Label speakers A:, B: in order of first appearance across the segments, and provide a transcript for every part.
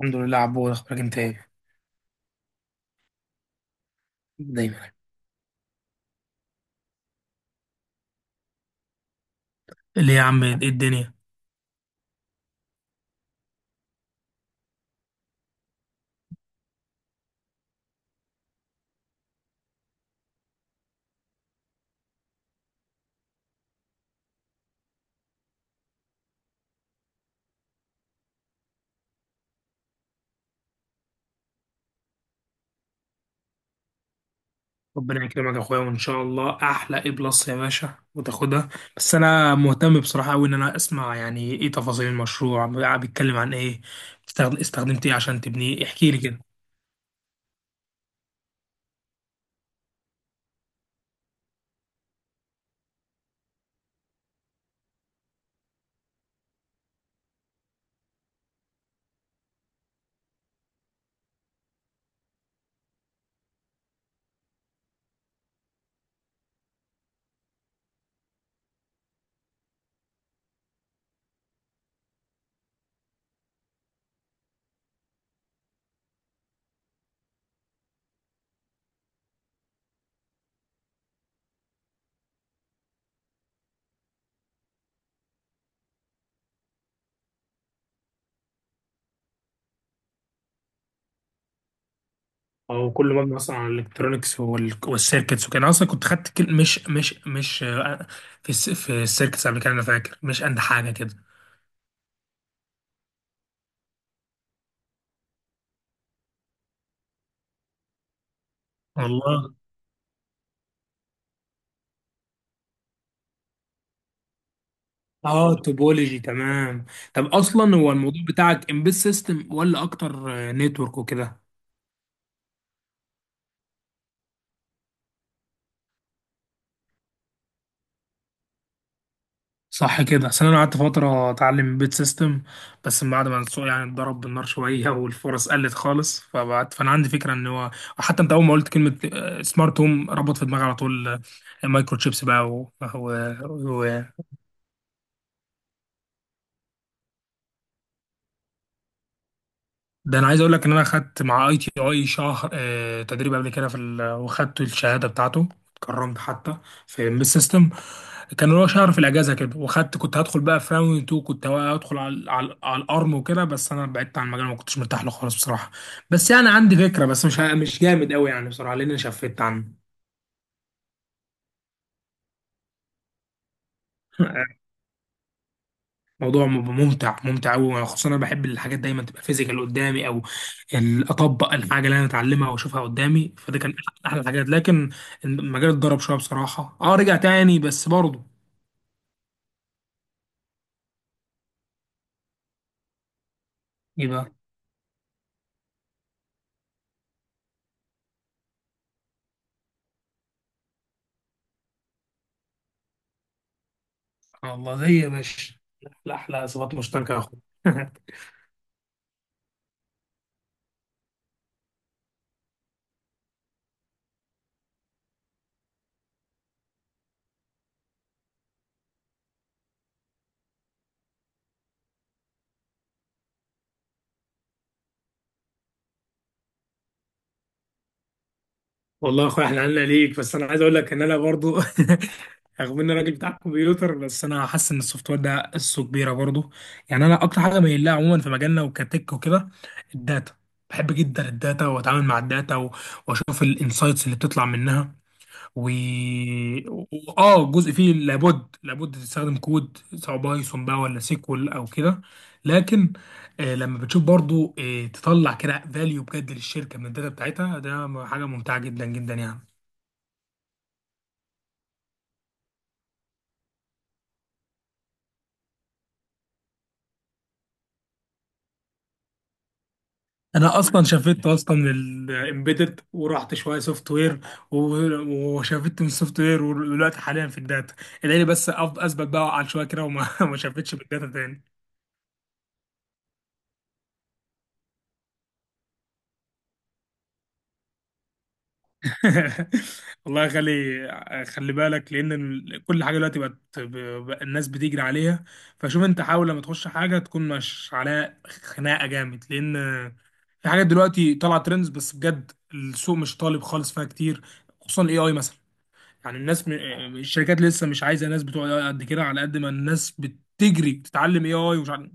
A: الحمد لله عبود، اخبارك انت ايه؟ دايما. ليه يا عم، ايه الدنيا؟ ربنا يكرمك يا اخويا وان شاء الله احلى اي بلس يا باشا وتاخدها. بس انا مهتم بصراحه قوي ان انا اسمع يعني ايه تفاصيل المشروع. بيتكلم عن ايه؟ استخدمت ايه عشان تبنيه، احكي لي كده. او كله مبني اصلا على الالكترونكس والسيركتس، وكان اصلا كنت خدت كل مش مش مش آه، في في السيركتس قبل كده، انا فاكر مش قد حاجه كده. والله. اه، توبولوجي تمام. طب اصلا هو الموضوع بتاعك امبيد سيستم ولا اكتر نتورك وكده؟ صح كده، اصل انا قعدت فتره اتعلم امبيد سيستم، بس من بعد ما السوق يعني اتضرب بالنار شويه والفرص قلت خالص، فبعد فانا عندي فكره ان هو حتى انت اول ما قلت كلمه سمارت هوم ربط في دماغي على طول مايكرو تشيبس بقى ده انا عايز اقول لك ان انا خدت مع ITI شهر تدريب قبل كده في وخدت الشهاده بتاعته، اتكرمت حتى في ام سيستم. كان هو شهر في الاجازه كده، وخدت كنت هدخل بقى في راوند 2، كنت هدخل على على الارم وكده، بس انا بعدت عن المجال ما كنتش مرتاح له خالص بصراحه. بس يعني عندي فكره، بس مش جامد قوي يعني بصراحه لان انا شفت عنه. موضوع ممتع ممتع قوي، خصوصا انا بحب الحاجات دايما تبقى فيزيكال قدامي، او اطبق الحاجه اللي انا اتعلمها واشوفها قدامي. فده كان احلى الحاجات، لكن المجال اتضرب شويه بصراحه. اه، رجع تاني بس برضه يبقى. سبحان الله، زي يا باشا. لا احلى صفات مشتركه يا اخويا. والله يا اخويا، احنا عنا ليك. بس انا عايز اقول لك ان انا برضو رغم اني راجل بتاع كمبيوتر بس انا حاسس ان السوفت وير ده قصه كبيره برضو يعني. انا اكتر حاجه مايل لها عموما في مجالنا وكتك وكده الداتا. بحب جدا الداتا، واتعامل مع الداتا واشوف الانسايتس اللي بتطلع منها. و و- اه، جزء فيه لابد تستخدم كود، سواء بايثون بقى ولا سيكوال او كده. لكن لما بتشوف برضو تطلع كده فاليو بجد للشركه من الداتا بتاعتها، ده حاجه ممتعه جدا جدا يعني. انا اصلا شفت اصلا من الامبيدد ورحت شويه سوفت وير، وشفت من السوفت وير ودلوقتي حاليا في الداتا. ادعي لي بس اثبت بقى على شويه كده وما ما شفتش بالداتا تاني. والله. خلي بالك لان كل حاجه دلوقتي بقت الناس بتجري عليها. فشوف انت، حاول لما تخش حاجه تكون مش عليها خناقه جامد، لان في حاجات دلوقتي طالعه ترندز بس بجد السوق مش طالب خالص فيها كتير. خصوصا الاي اي مثلا. يعني الشركات لسه مش عايزه ناس بتوع AI قد كده، على قد ما الناس بتجري تتعلم اي اي ومش عارف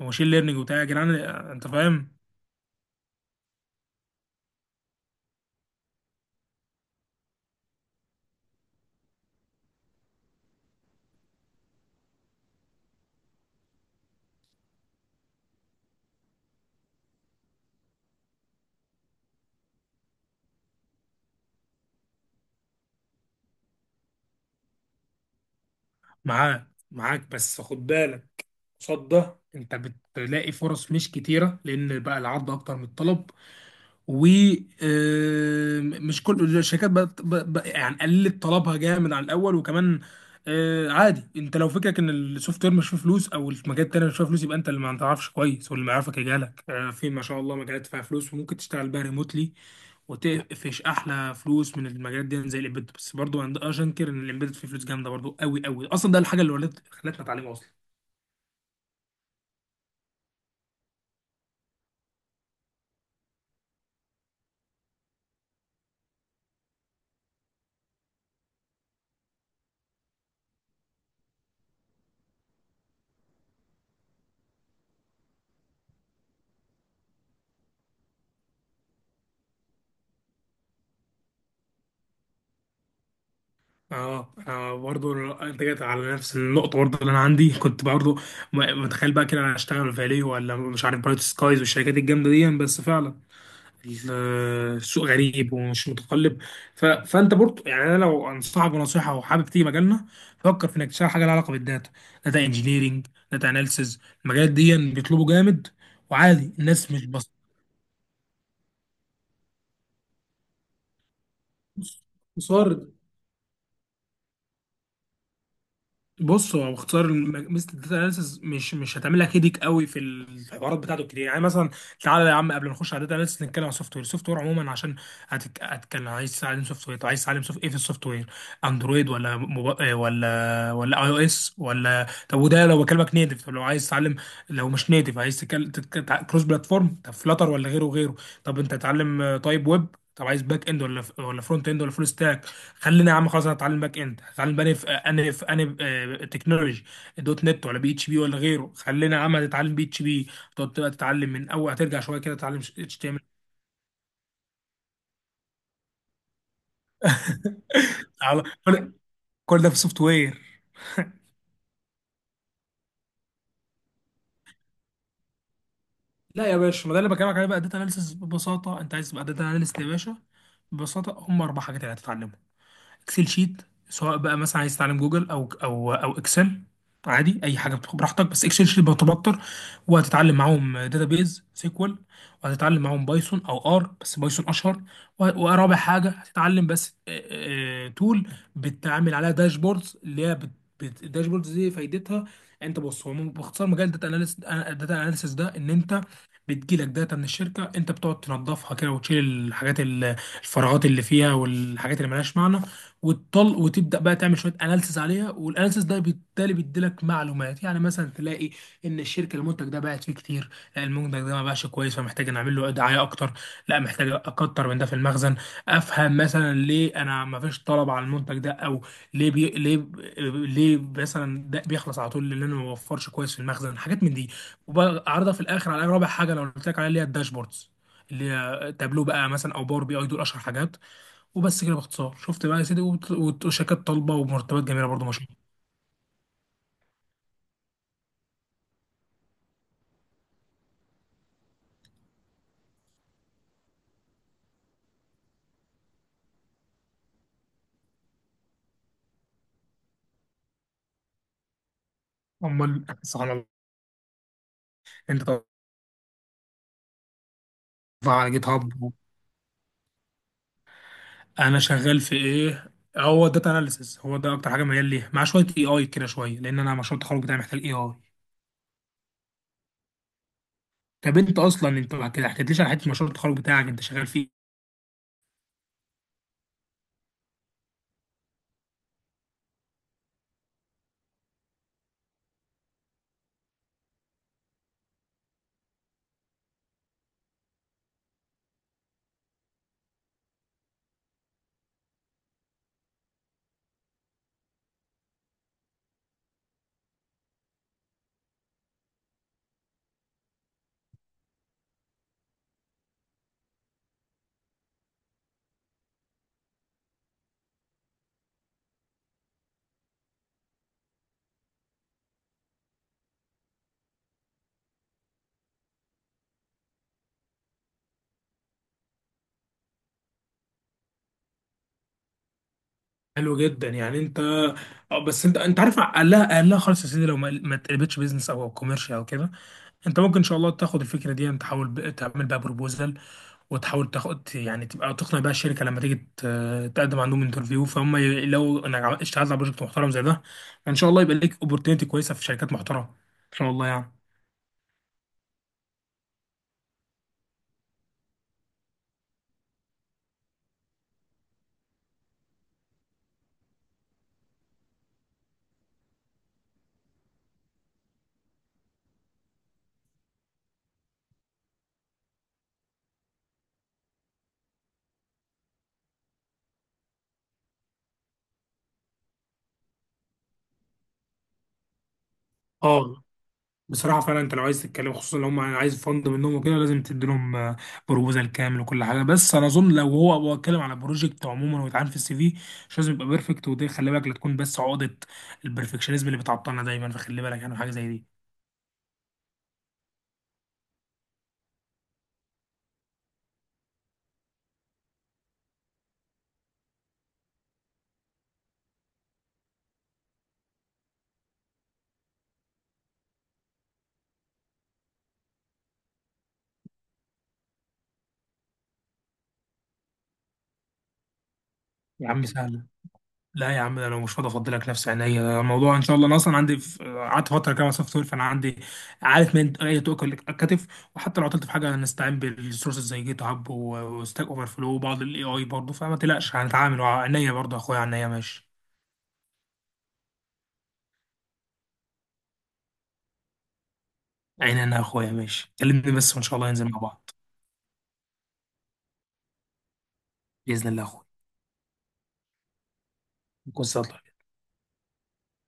A: ماشين ليرنينج وبتاع يا جدعان، انت فاهم. معاك معاك، بس خد بالك قصاد ده انت بتلاقي فرص مش كتيرة، لان بقى العرض اكتر من الطلب. ومش كل الشركات بقت يعني قلت طلبها جامد عن الاول. وكمان عادي، انت لو فكرك ان السوفت وير مش فيه فلوس او المجال التاني مش فيه فلوس، يبقى انت اللي ما تعرفش كويس واللي ما يعرفك يجهلك. في ما شاء الله مجالات فيها فلوس وممكن تشتغل بيها ريموتلي وتقفش احلى فلوس من المجالات دي زي الامبيدد. بس برضه عند اشنكر ان الامبيدد فيه فلوس جامده برضه قوي قوي، اصلا ده الحاجه اللي ولت خلتنا اتعلمها اصلا. اه، انا برضه انت جيت على نفس النقطه. برضه اللي انا عندي كنت برضه متخيل بقى كده انا هشتغل فاليو ولا مش عارف برايت سكايز والشركات الجامده دي، بس فعلا ال- السوق غريب ومش متقلب. فانت برضه، يعني انا لو انصحك بنصيحه وحابب تيجي مجالنا، فكر في انك تشتغل حاجه لها علاقه بالداتا. داتا انجينيرنج، داتا اناليسز، المجالات دي بيطلبوا جامد، وعادي الناس مش. بس بص، هو باختصار مثل الداتا اناليسز مش هتعمل لك، هيديك قوي في الحوارات بتاعته كتير، يعني مثلا. تعالى يا عم قبل ما نخش على الداتا اناليسز، نتكلم على السوفت وير. السوفت وير عموما، عشان هتكلم عايز تتعلم سوفت وير؟ طب عايز تتعلم ايه في السوفت وير؟ اندرويد ولا موب... آه، ولا iOS ولا؟ طب وده لو بكلمك نيتف. طب لو عايز تتعلم، لو مش نيتف عايز تتكلم كروس بلاتفورم، طب فلاتر ولا غيره وغيره. طب انت تتعلم طيب ويب، طب عايز باك اند ولا فرونت اند ولا فول ستاك؟ خلينا يا عم خلاص، انا اتعلم باك اند. هتعلم بقى في انا في تكنولوجي دوت نت ولا PHP ولا غيره. خلينا يا عم هتتعلم PHP، تقعد بقى تتعلم من اول، هترجع شويه كده تتعلم HTML ال كل كل ده في سوفت وير. لا يا باشا، ما ده اللي بكلمك عليه بقى داتا اناليسيس. ببساطه انت عايز تبقى داتا اناليست يا باشا، ببساطه هم اربع حاجات اللي هتتعلمهم. اكسل شيت، سواء بقى مثلا عايز تتعلم جوجل او اكسل، عادي اي حاجه بتاخد براحتك، بس اكسل شيت بتبقى اكتر. وهتتعلم معاهم داتابيز، سيكوال. وهتتعلم معاهم بايثون او ار، بس بايثون اشهر. ورابع حاجه هتتعلم بس تول بتعمل عليها داشبوردز اللي هي الداشبوردز دي فايدتها انت. بص، هو باختصار مجال الداتا اناليسيس، الداتا اناليسيس ده ان انت بتجيلك داتا من الشركه، انت بتقعد تنظفها كده وتشيل الحاجات الفراغات اللي فيها والحاجات اللي ملهاش معنى، وتطل وتبدا بقى تعمل شويه اناليسيس عليها، والاناليسيس ده بالتالي بيديلك معلومات. يعني مثلا تلاقي ان الشركه المنتج ده باعت فيه كتير، لا المنتج ده ما باعش كويس فمحتاج نعمل له دعايه اكتر، لا محتاج اكتر من ده في المخزن. افهم مثلا ليه انا ما فيش طلب على المنتج ده، او ليه ليه مثلا ده بيخلص على طول، لان انا ما بوفرش كويس في المخزن حاجات من دي. وبعرضها في الاخر على رابع حاجه لو قلت لك عليها، اللي هي الداشبوردز اللي هي تابلو بقى مثلا او Power BI، دول اشهر حاجات. وبس كده باختصار، شفت بقى يا سيدي؟ وشركات طالبه ومرتبات جميله برضه ما شاء الله. امال سبحان الله. انت طبعا على جيت هاب. انا شغال في ايه؟ هو داتا اناليسيس، هو ده اكتر حاجه ميال ليها، مع شويه اي اي كده، شويه لان انا مشروع التخرج بتاعي محتاج اي اي. طب انت اصلا انت ما كده حكيتليش على حته مشروع التخرج بتاعك، انت شغال في. حلو جدا، يعني انت اه. بس انت انت عارف، اقلها خالص يا سيدي، لو ما تقلبتش بيزنس او او كوميرشال او كده، انت ممكن ان شاء الله تاخد الفكره دي. انت تحاول تعمل بقى بروبوزال، وتحاول تاخد يعني تبقى تقنع بقى الشركه لما تيجي تقدم عندهم انترفيو. فهم لو انا اشتغلت على بروجكت محترم زي ده، ان شاء الله يبقى ليك اوبورتيونيتي كويسه في شركات محترمه ان شاء الله يعني. اه، بصراحة فعلا، انت لو عايز تتكلم خصوصا لو هم عايز فند منهم وكده، لازم تدي لهم بروبوزال كامل وكل حاجة. بس انا اظن لو هو اتكلم على بروجكت عموما ويتعامل في السي في، مش لازم يبقى بيرفكت. ودي خلي بالك، لا تكون بس عقدة البرفكشنزم اللي بتعطلنا دايما. فخلي بالك يعني حاجة زي دي. يا عم سهل. لا يا عم، ده انا مش فاضي افضلك نفسي عينيا، ده الموضوع ان شاء الله. انا اصلا عندي، في قعدت فتره كده سوفت وير فانا عندي، عارف من اي تؤكل الكتف. وحتى لو عطلت في حاجه هنستعين بالريسورسز زي جيت هاب وستاك اوفر فلو وبعض الاي اي برضه، فما تقلقش هنتعامل عينيا برضه يا اخويا. عينيا ماشي. عينيا يا اخويا ماشي، كلمني بس وان شاء الله ننزل مع بعض. باذن الله يا اخويا. كل سنه.